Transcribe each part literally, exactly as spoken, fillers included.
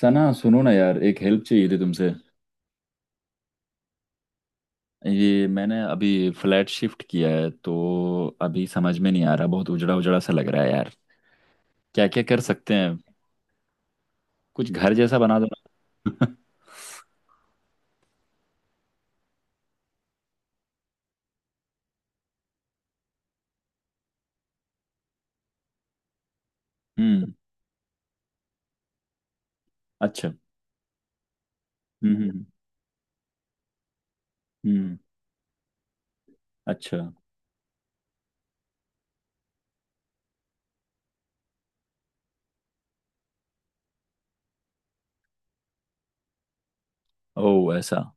सना सुनो ना यार, एक हेल्प चाहिए थी तुमसे। ये मैंने अभी फ्लैट शिफ्ट किया है तो अभी समझ में नहीं आ रहा, बहुत उजड़ा उजड़ा सा लग रहा है यार। क्या क्या कर सकते हैं? कुछ घर जैसा बना दो ना। हम्म। अच्छा। हम्म हम्म। हम्म, हम्म। अच्छा। ओ ऐसा।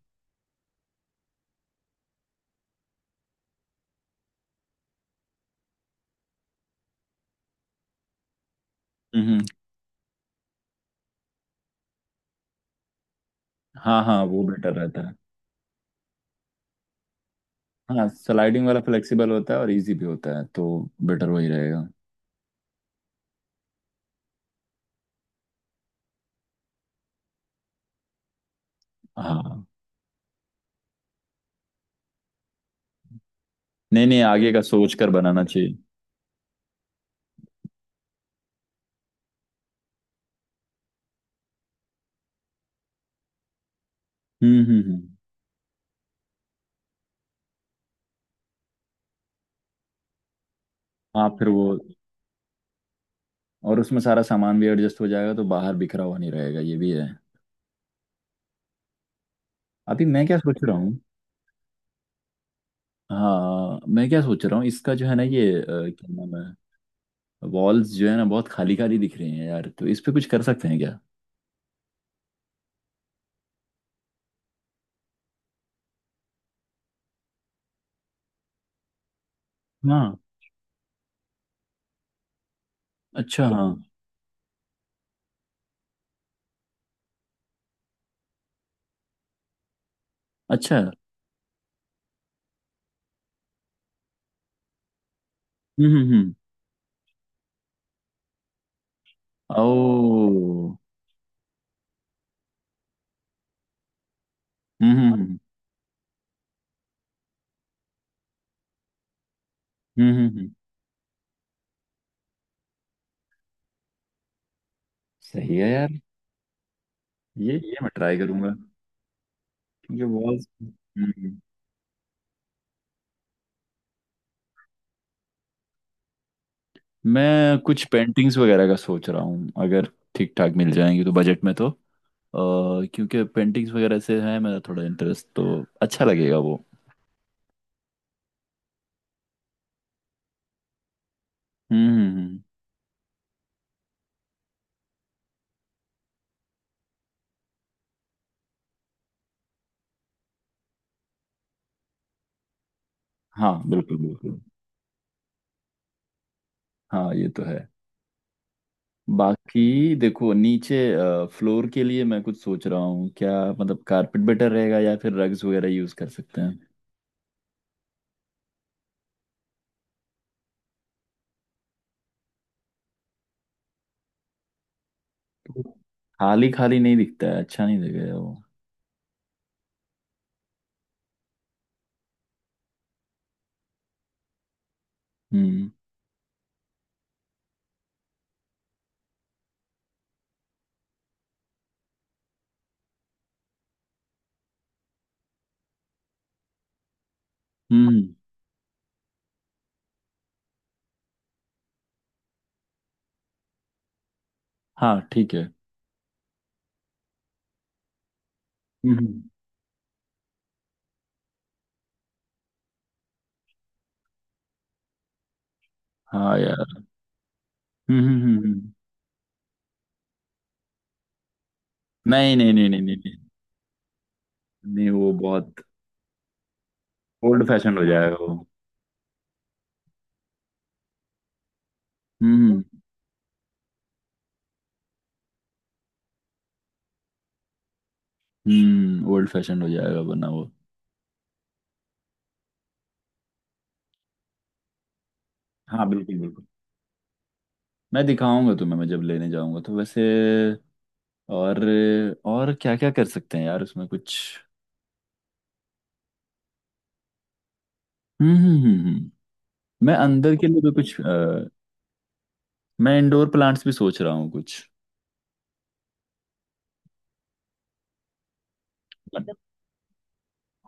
हम्म हम्म। हाँ हाँ वो बेटर रहता है। हाँ, स्लाइडिंग वाला फ्लेक्सिबल होता है और इजी भी होता है तो बेटर वही रहेगा। हाँ। नहीं नहीं आगे का सोच कर बनाना चाहिए। हम्म हम्म हम्म। हाँ फिर वो और उसमें सारा सामान भी एडजस्ट हो जाएगा तो बाहर बिखरा हुआ नहीं रहेगा, ये भी है। अभी मैं क्या सोच रहा हूँ। हाँ मैं क्या सोच रहा हूँ, इसका जो है ना, ये अ, क्या नाम है, वॉल्स जो है ना बहुत खाली खाली दिख रही हैं यार, तो इस पे कुछ कर सकते हैं क्या? हाँ। अच्छा हाँ। अच्छा। हम्म हम्म हम्म। ओ। हम्म हम्म हम्म हम्म हम्म, हम्म। सही है यार। ये ये मैं ट्राई करूंगा क्योंकि वॉल्स। हम्म हम्म। मैं कुछ पेंटिंग्स वगैरह का सोच रहा हूँ, अगर ठीक ठाक मिल जाएंगी तो बजट में तो। और क्योंकि पेंटिंग्स वगैरह से है मेरा थोड़ा इंटरेस्ट तो अच्छा लगेगा वो। हम्म हम्म, हम्म। हाँ बिल्कुल बिल्कुल। हाँ ये तो है। बाकी देखो, नीचे फ्लोर के लिए मैं कुछ सोच रहा हूँ क्या, मतलब कारपेट बेटर रहेगा या फिर रग्स वगैरह यूज कर सकते हैं? खाली खाली नहीं दिखता है, अच्छा नहीं दिखेगा वो। हम्म हम्म हम्म। हाँ ठीक है। हम्म। हाँ यार। हम्म हम्म हम्म, हम्म। नहीं नहीं नहीं नहीं नहीं नहीं। नहीं, वो बहुत ओल्ड फैशन हो जाएगा वो। हम्म। हम्म ओल्ड फैशन हो जाएगा वरना वो। हाँ बिल्कुल बिल्कुल। मैं दिखाऊंगा तुम्हें, मैं जब लेने जाऊंगा तो वैसे। और और क्या क्या कर सकते हैं यार उसमें कुछ? हम्म हम्म हम्म हम्म। मैं अंदर के लिए भी कुछ अ, मैं इंडोर प्लांट्स भी सोच रहा हूँ कुछ।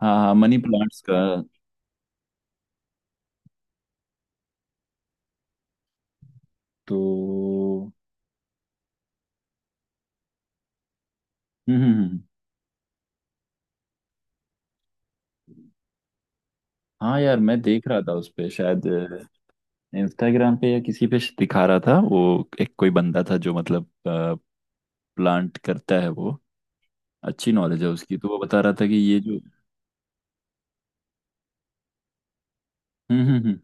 हाँ हाँ मनी प्लांट्स का तो। हम्म हम्म हम्म। हम्म। हाँ यार मैं देख रहा था उस पे शायद, इंस्टाग्राम पे या किसी पे दिखा रहा था, वो एक कोई बंदा था जो मतलब प्लांट करता है वो, अच्छी नॉलेज है उसकी तो वो बता रहा था कि ये जो। हम्म हम्म हम्म।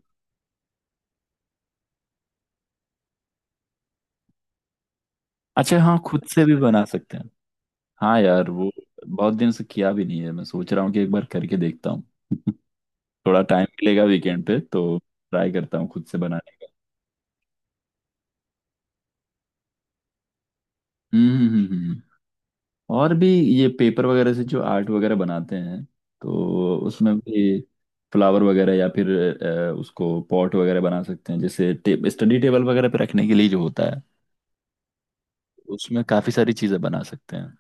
अच्छा हाँ खुद से भी बना सकते हैं। हाँ यार वो बहुत दिन से किया भी नहीं है, मैं सोच रहा हूँ कि एक बार करके देखता हूँ। थोड़ा टाइम मिलेगा वीकेंड पे तो ट्राई करता हूँ खुद से बनाने का। हम्म हम्म हम्म हम्म। हम्म। और भी ये पेपर वगैरह से जो आर्ट वगैरह बनाते हैं तो उसमें भी फ्लावर वगैरह, या फिर अ, उसको पॉट वगैरह बना सकते हैं जैसे टे, स्टडी टेबल वगैरह पे रखने के लिए जो होता है, उसमें काफी सारी चीजें बना सकते हैं।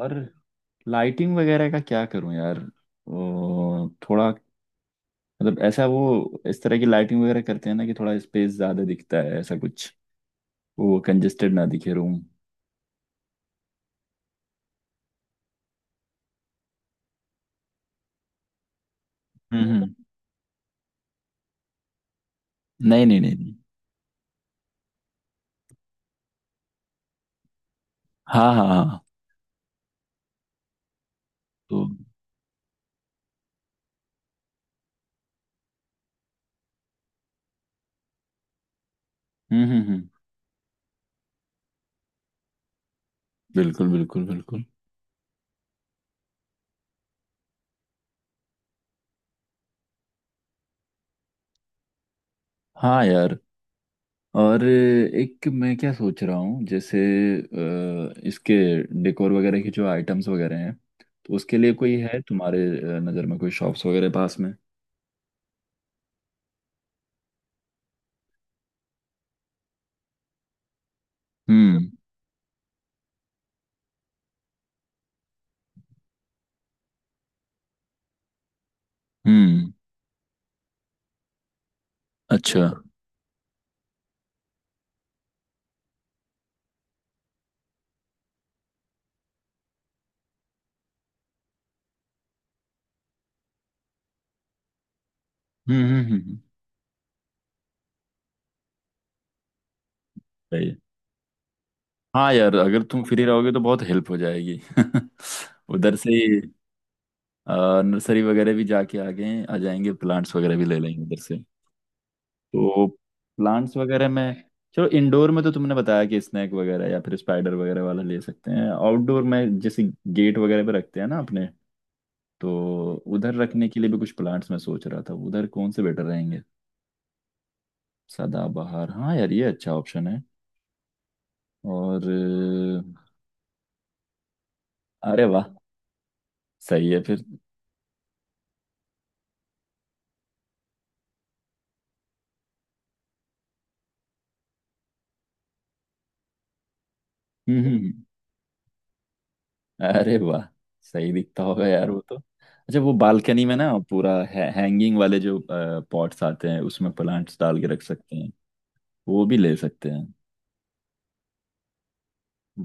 और लाइटिंग वगैरह का क्या करूं यार? वो थोड़ा, मतलब ऐसा, वो इस तरह की लाइटिंग वगैरह करते हैं ना कि थोड़ा स्पेस ज्यादा दिखता है, ऐसा कुछ, वो कंजेस्टेड ना दिखे रूम। हम्म हम्म। नहीं नहीं नहीं नहीं। हाँ हाँ हाँ। तो हम्म। हम्म हम्म। बिल्कुल बिल्कुल बिल्कुल। हाँ यार। और एक मैं क्या सोच रहा हूँ, जैसे अ, इसके डेकोर वगैरह के जो आइटम्स वगैरह हैं, तो उसके लिए कोई है तुम्हारे अ, नज़र में, कोई शॉप्स वगैरह पास में? हम्म हम्म। अच्छा। हम्म हम्म हम्म, हम्म। सही है। हाँ यार अगर तुम फ्री रहोगे तो बहुत हेल्प हो जाएगी। उधर से ही नर्सरी वगैरह भी जाके आगे आ जाएंगे, प्लांट्स वगैरह भी ले लेंगे उधर से। तो प्लांट्स वगैरह में, चलो इंडोर में तो तुमने बताया कि स्नैक वगैरह या फिर स्पाइडर वगैरह वाला ले सकते हैं, आउटडोर में जैसे गेट वगैरह पे रखते हैं ना अपने, तो उधर रखने के लिए भी कुछ प्लांट्स मैं सोच रहा था, उधर कौन से बेटर रहेंगे? सदाबहार हाँ यार, ये अच्छा ऑप्शन है। और अ, अरे वाह, सही है फिर। हम्म। अरे वाह, सही दिखता होगा यार वो तो, अच्छा वो बालकनी में ना पूरा है, हैंगिंग वाले जो पॉट्स आते हैं उसमें प्लांट्स डाल के रख सकते हैं, वो भी ले सकते हैं।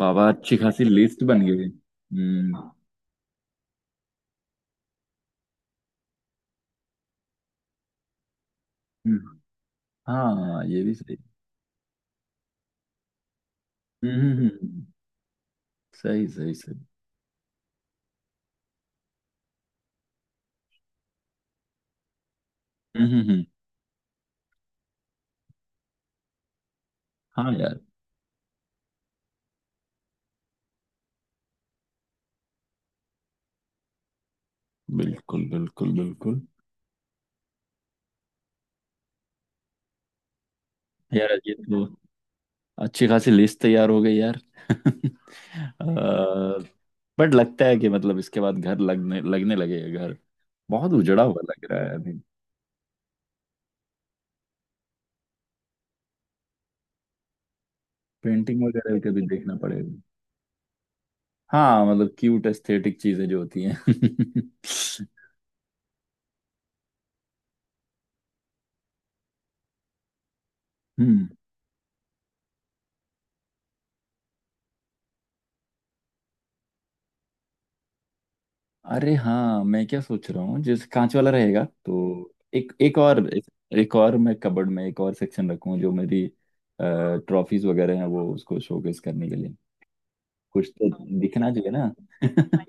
बाबा, अच्छी खासी लिस्ट बन गई। हम्म। हम्म, हाँ ये भी सही। हम्म हम्म, हम्म, हम्म। सही सही सही। हम्म हम्म, हम्म। हाँ यार बिल्कुल बिल्कुल बिल्कुल। यार ये तो अच्छी खासी लिस्ट तैयार हो गई यार। बट लगता है कि मतलब इसके बाद घर लगने लगने लगेगा घर। बहुत उजड़ा हुआ लग रहा है अभी। पेंटिंग वगैरह का भी देखना पड़ेगा। हाँ मतलब क्यूट एस्थेटिक चीजें जो होती हैं। हम्म। अरे हाँ मैं क्या सोच रहा हूँ, जैसे कांच वाला रहेगा तो एक एक और, एक और मैं कबर्ड में एक और सेक्शन रखूँ जो मेरी ट्रॉफीज वगैरह हैं, वो उसको शोकेस करने के लिए। कुछ तो दिखना चाहिए ना।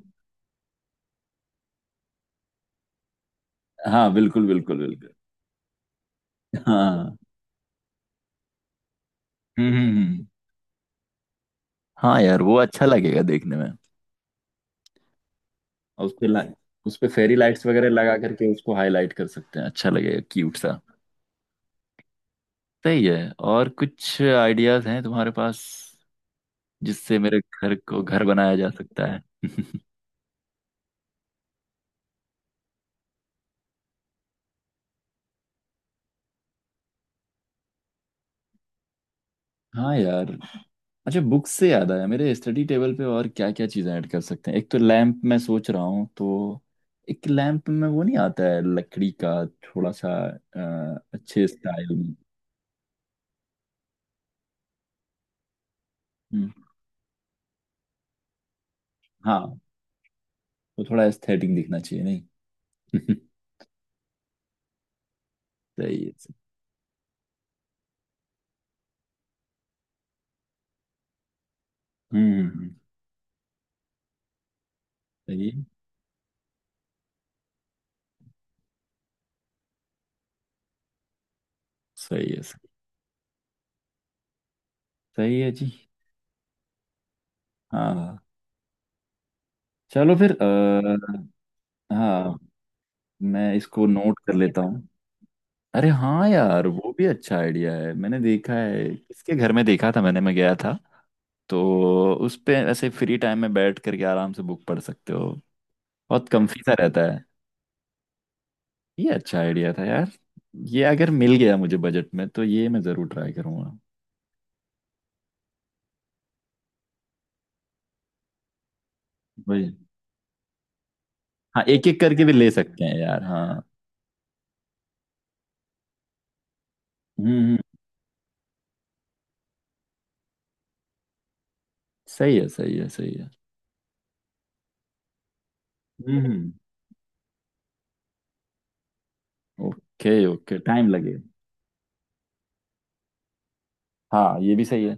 हाँ बिल्कुल बिल्कुल बिल्कुल। हाँ। हम्म हम्म, हम्म। हाँ यार वो अच्छा लगेगा देखने में। और उस पे ला उस पे फेरी लाइट्स वगैरह लगा करके उसको हाईलाइट कर सकते हैं, अच्छा लगेगा क्यूट सा। सही है, और कुछ आइडियाज हैं तुम्हारे पास जिससे मेरे घर को घर बनाया जा सकता है? हाँ यार। अच्छा बुक से याद आया, मेरे स्टडी टेबल पे और क्या क्या चीज़ें ऐड कर सकते हैं? एक तो लैंप मैं सोच रहा हूँ, तो एक लैंप में वो नहीं आता है लकड़ी का, थोड़ा सा अ, अच्छे स्टाइल में। हम्म। हाँ वो थोड़ा एस्थेटिक दिखना चाहिए नहीं? सही है, सही। हम्म हम्म, हम्म। सही है, सही है, सही। सही है जी। हाँ हाँ। चलो फिर आ, हाँ मैं इसको नोट कर लेता हूँ। अरे हाँ यार, वो भी अच्छा आइडिया है, मैंने देखा है किसके घर में, देखा था मैंने, मैं गया था, तो उस पे ऐसे फ्री टाइम में बैठ करके आराम से बुक पढ़ सकते हो, बहुत कम्फी सा रहता है। ये अच्छा आइडिया था यार। ये अगर मिल गया मुझे बजट में तो ये मैं ज़रूर ट्राई करूँगा। वही। हाँ एक एक करके भी ले सकते हैं यार, हाँ। हम्म हम्म, सही है सही है सही है। हम्म। ओके ओके, टाइम लगेगा। हाँ ये भी सही है।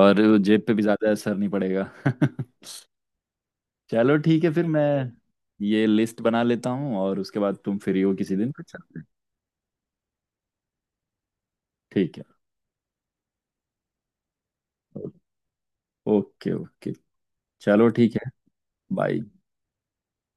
और जेब पे भी ज्यादा असर नहीं पड़ेगा। चलो ठीक है फिर, मैं ये लिस्ट बना लेता हूँ और उसके बाद तुम फ्री हो किसी दिन तो चलते हैं। ठीक है। Okay okay. चलो ठीक है। बाय।